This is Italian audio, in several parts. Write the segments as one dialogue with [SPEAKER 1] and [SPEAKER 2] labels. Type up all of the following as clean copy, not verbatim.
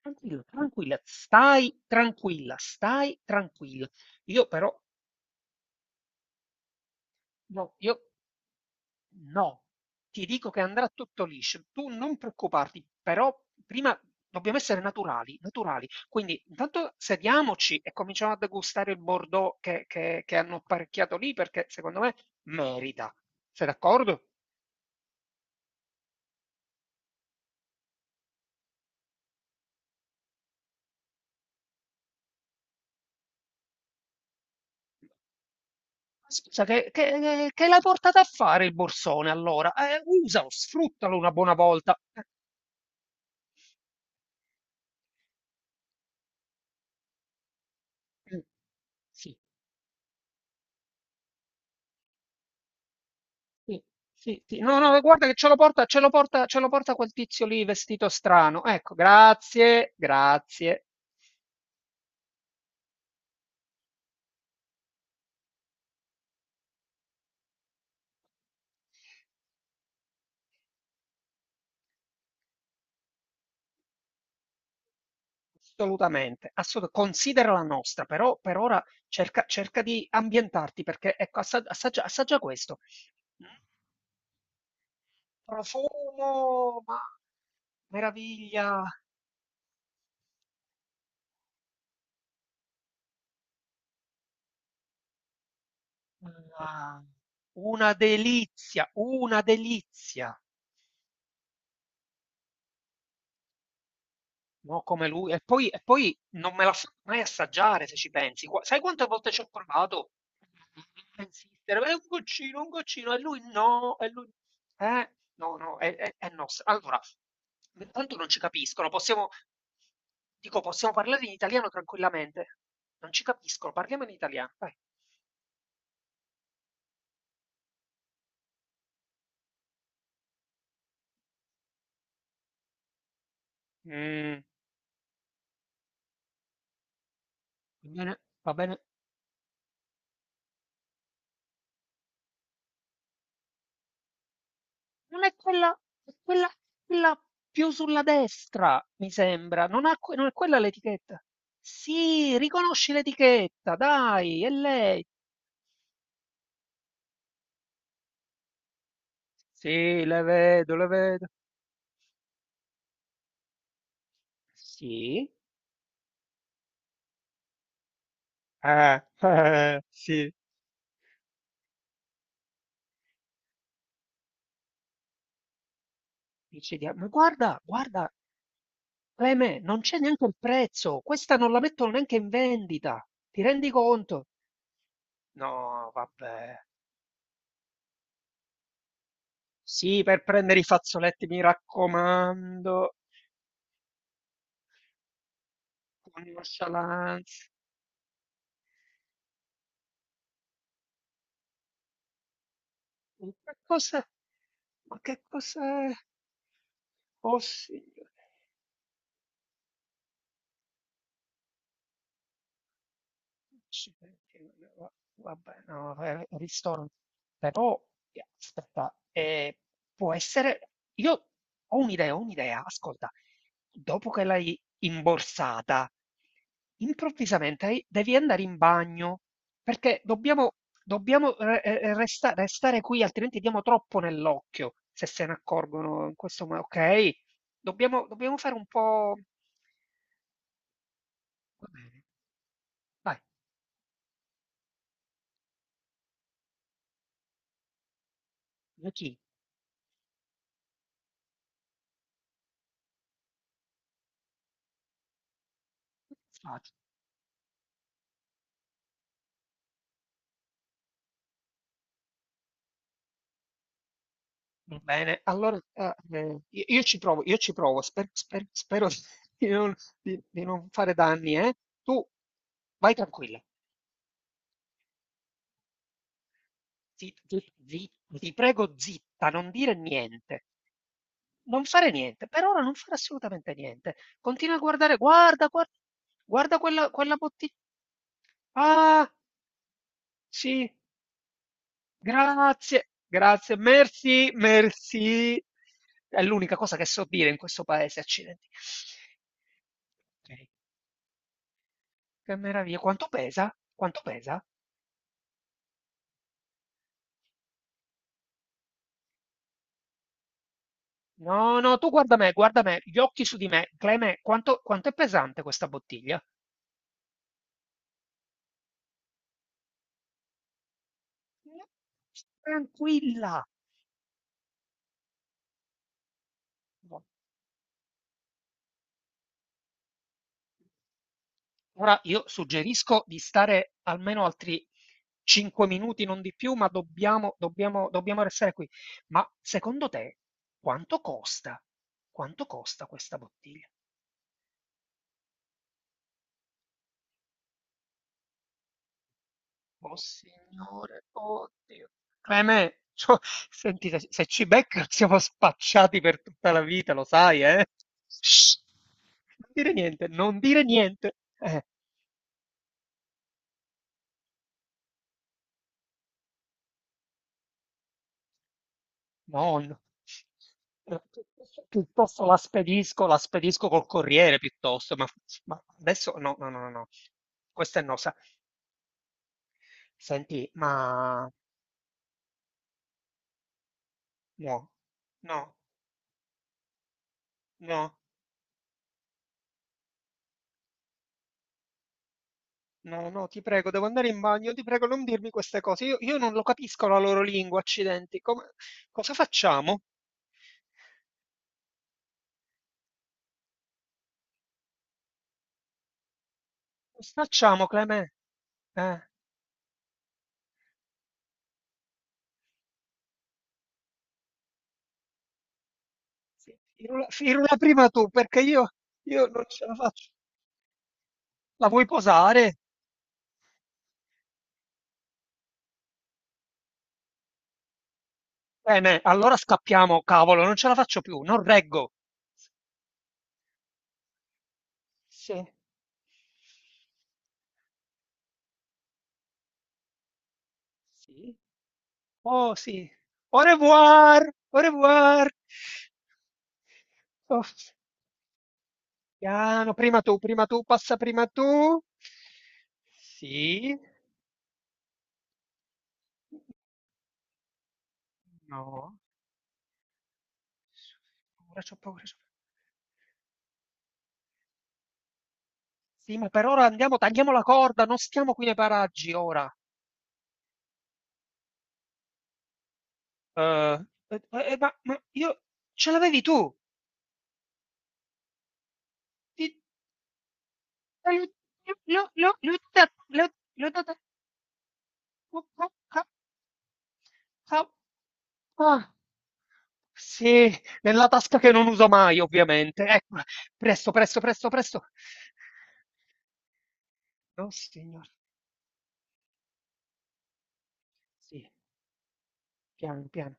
[SPEAKER 1] Tranquilla, tranquilla, stai tranquilla, stai tranquilla. Io però, no, io no, ti dico che andrà tutto liscio, tu non preoccuparti, però prima dobbiamo essere naturali, naturali. Quindi intanto sediamoci e cominciamo a degustare il Bordeaux che hanno apparecchiato lì perché secondo me merita. Sei d'accordo? Scusa, che l'hai portata a fare il borsone allora? Usalo, sfruttalo una buona volta. Eh, sì. Sì, sì, sì. No, no, guarda che ce lo porta, ce lo porta, ce lo porta quel tizio lì vestito strano. Ecco, grazie, grazie. Assolutamente, considera la nostra, però per ora cerca di ambientarti perché ecco, assaggia, assaggia questo. Mm, profumo, ma meraviglia, ah, una delizia, una delizia. No, come lui. E poi non me la fa mai assaggiare, se ci pensi. Qua- sai quante volte ci ho provato a insistere? È un goccino, un goccino. E lui... no, no, è no. Allora, tanto non ci capiscono. Possiamo... Dico, possiamo parlare in italiano tranquillamente. Non ci capiscono, parliamo in italiano. Vai. Mm, va bene, va bene. Non è quella, è quella, quella più sulla destra, mi sembra. Non, ha non è quella l'etichetta. Sì, riconosci l'etichetta, dai, è lei. Sì, le vedo, le vedo. Sì. Sì. Dice, dia- ma guarda, guarda, Cleme, non c'è neanche il prezzo. Questa non la mettono neanche in vendita. Ti rendi conto? No, vabbè. Sì, per prendere i fazzoletti, mi raccomando, con nonchalance. Un qualcosa, ma che cos'è? Oh signore. Vabbè, no, ristorante. Però, aspetta, può essere... Io ho un'idea, ascolta. Dopo che l'hai imborsata, improvvisamente devi andare in bagno, perché dobbiamo, restare qui, altrimenti diamo troppo nell'occhio, se se ne accorgono in questo modo. Ok? Dobbiamo, dobbiamo fare un po'... Va bene, vai, giochino. Bene, allora ah, io ci provo, io ci provo, spero di non, di non fare danni, eh. Tu vai tranquilla, zitta, zitta, zitta, ti prego zitta, non dire niente, non fare niente, per ora non fare assolutamente niente. Continua a guardare, guarda, guarda, guarda quella, quella bottiglia. Ah, sì, grazie, grazie, merci, merci. È l'unica cosa che so dire in questo paese, accidenti. Ok. Che meraviglia. Quanto pesa? Quanto pesa? No, no, tu guarda me, gli occhi su di me. Cleme, quanto, quanto è pesante questa bottiglia? No, tranquilla. Ora io suggerisco di stare almeno altri 5 minuti, non di più, ma dobbiamo, dobbiamo, dobbiamo restare qui. Ma secondo te quanto costa? Quanto costa questa bottiglia? Oh signore, oddio. Clemè, cioè, senti, se ci beccano siamo spacciati per tutta la vita, lo sai, eh? Shh. Non dire niente, non dire niente. Nonno. Eh, Piuttosto la spedisco col corriere, piuttosto. Ma adesso no, no, no, no, no. Questa è no. sa- Senti, ma... No, no, no. No, no, ti prego, devo andare in bagno, ti prego, non dirmi queste cose. Io non lo capisco la loro lingua, accidenti. Come- cosa facciamo? Cosa facciamo, Clemè? Eh, Sì. Firula, firula prima tu, perché io non ce la faccio. La vuoi posare? Bene, allora scappiamo, cavolo, non ce la faccio più, non reggo. Sì. Sì. Oh, sì. Au revoir, au revoir. Oh. Piano, prima tu, passa prima tu. Sì. No. C'ho paura, c'ho paura, c'ho paura. Sì, ma per ora andiamo, tagliamo la corda, non stiamo qui nei paraggi ora. Eh, ma io ce l'avevi tu. Ti- eh, l'ho data- Oh, oh, oh, oh. Ah, sì, nella tasca che non uso mai, ovviamente. Ecco, presto, presto, presto, presto. No, signor. Sì. Piano, piano,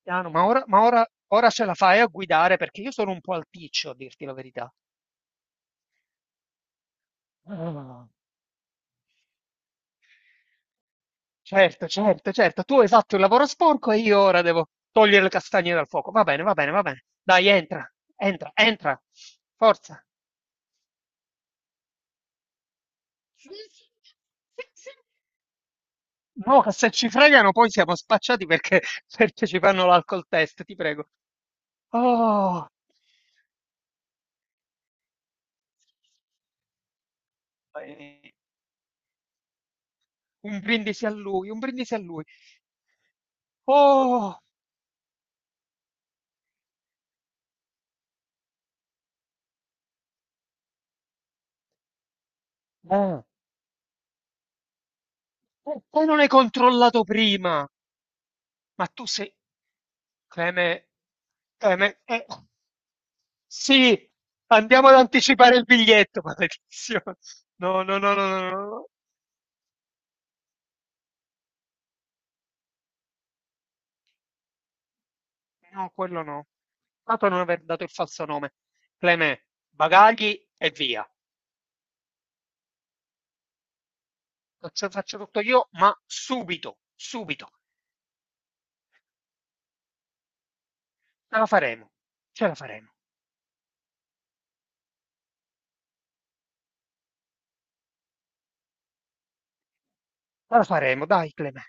[SPEAKER 1] piano, ma ora, ora ce la fai a guidare perché io sono un po' alticcio, a dirti la verità. Ah, certo, certo, certo, tu hai fatto il lavoro sporco e io ora devo togliere le castagne dal fuoco. Va bene, va bene, va bene. Dai, entra, entra, entra. Forza. No, che se ci fregano poi siamo spacciati perché, perché ci fanno l'alcol test, ti prego. Oh, eh, un brindisi a lui, un brindisi a lui. Oh, ah. Perché non hai controllato prima? Ma tu sei... Cleme... Cleme... sì, andiamo ad anticipare il biglietto, maledizione. No, no, no, no, no, no, no, no, quello no. Dato non aver dato il falso nome. Cleme, bagagli e via. Lo faccio tutto io, ma subito, subito. Ce la faremo, ce la faremo, ce la faremo, dai, Cleme.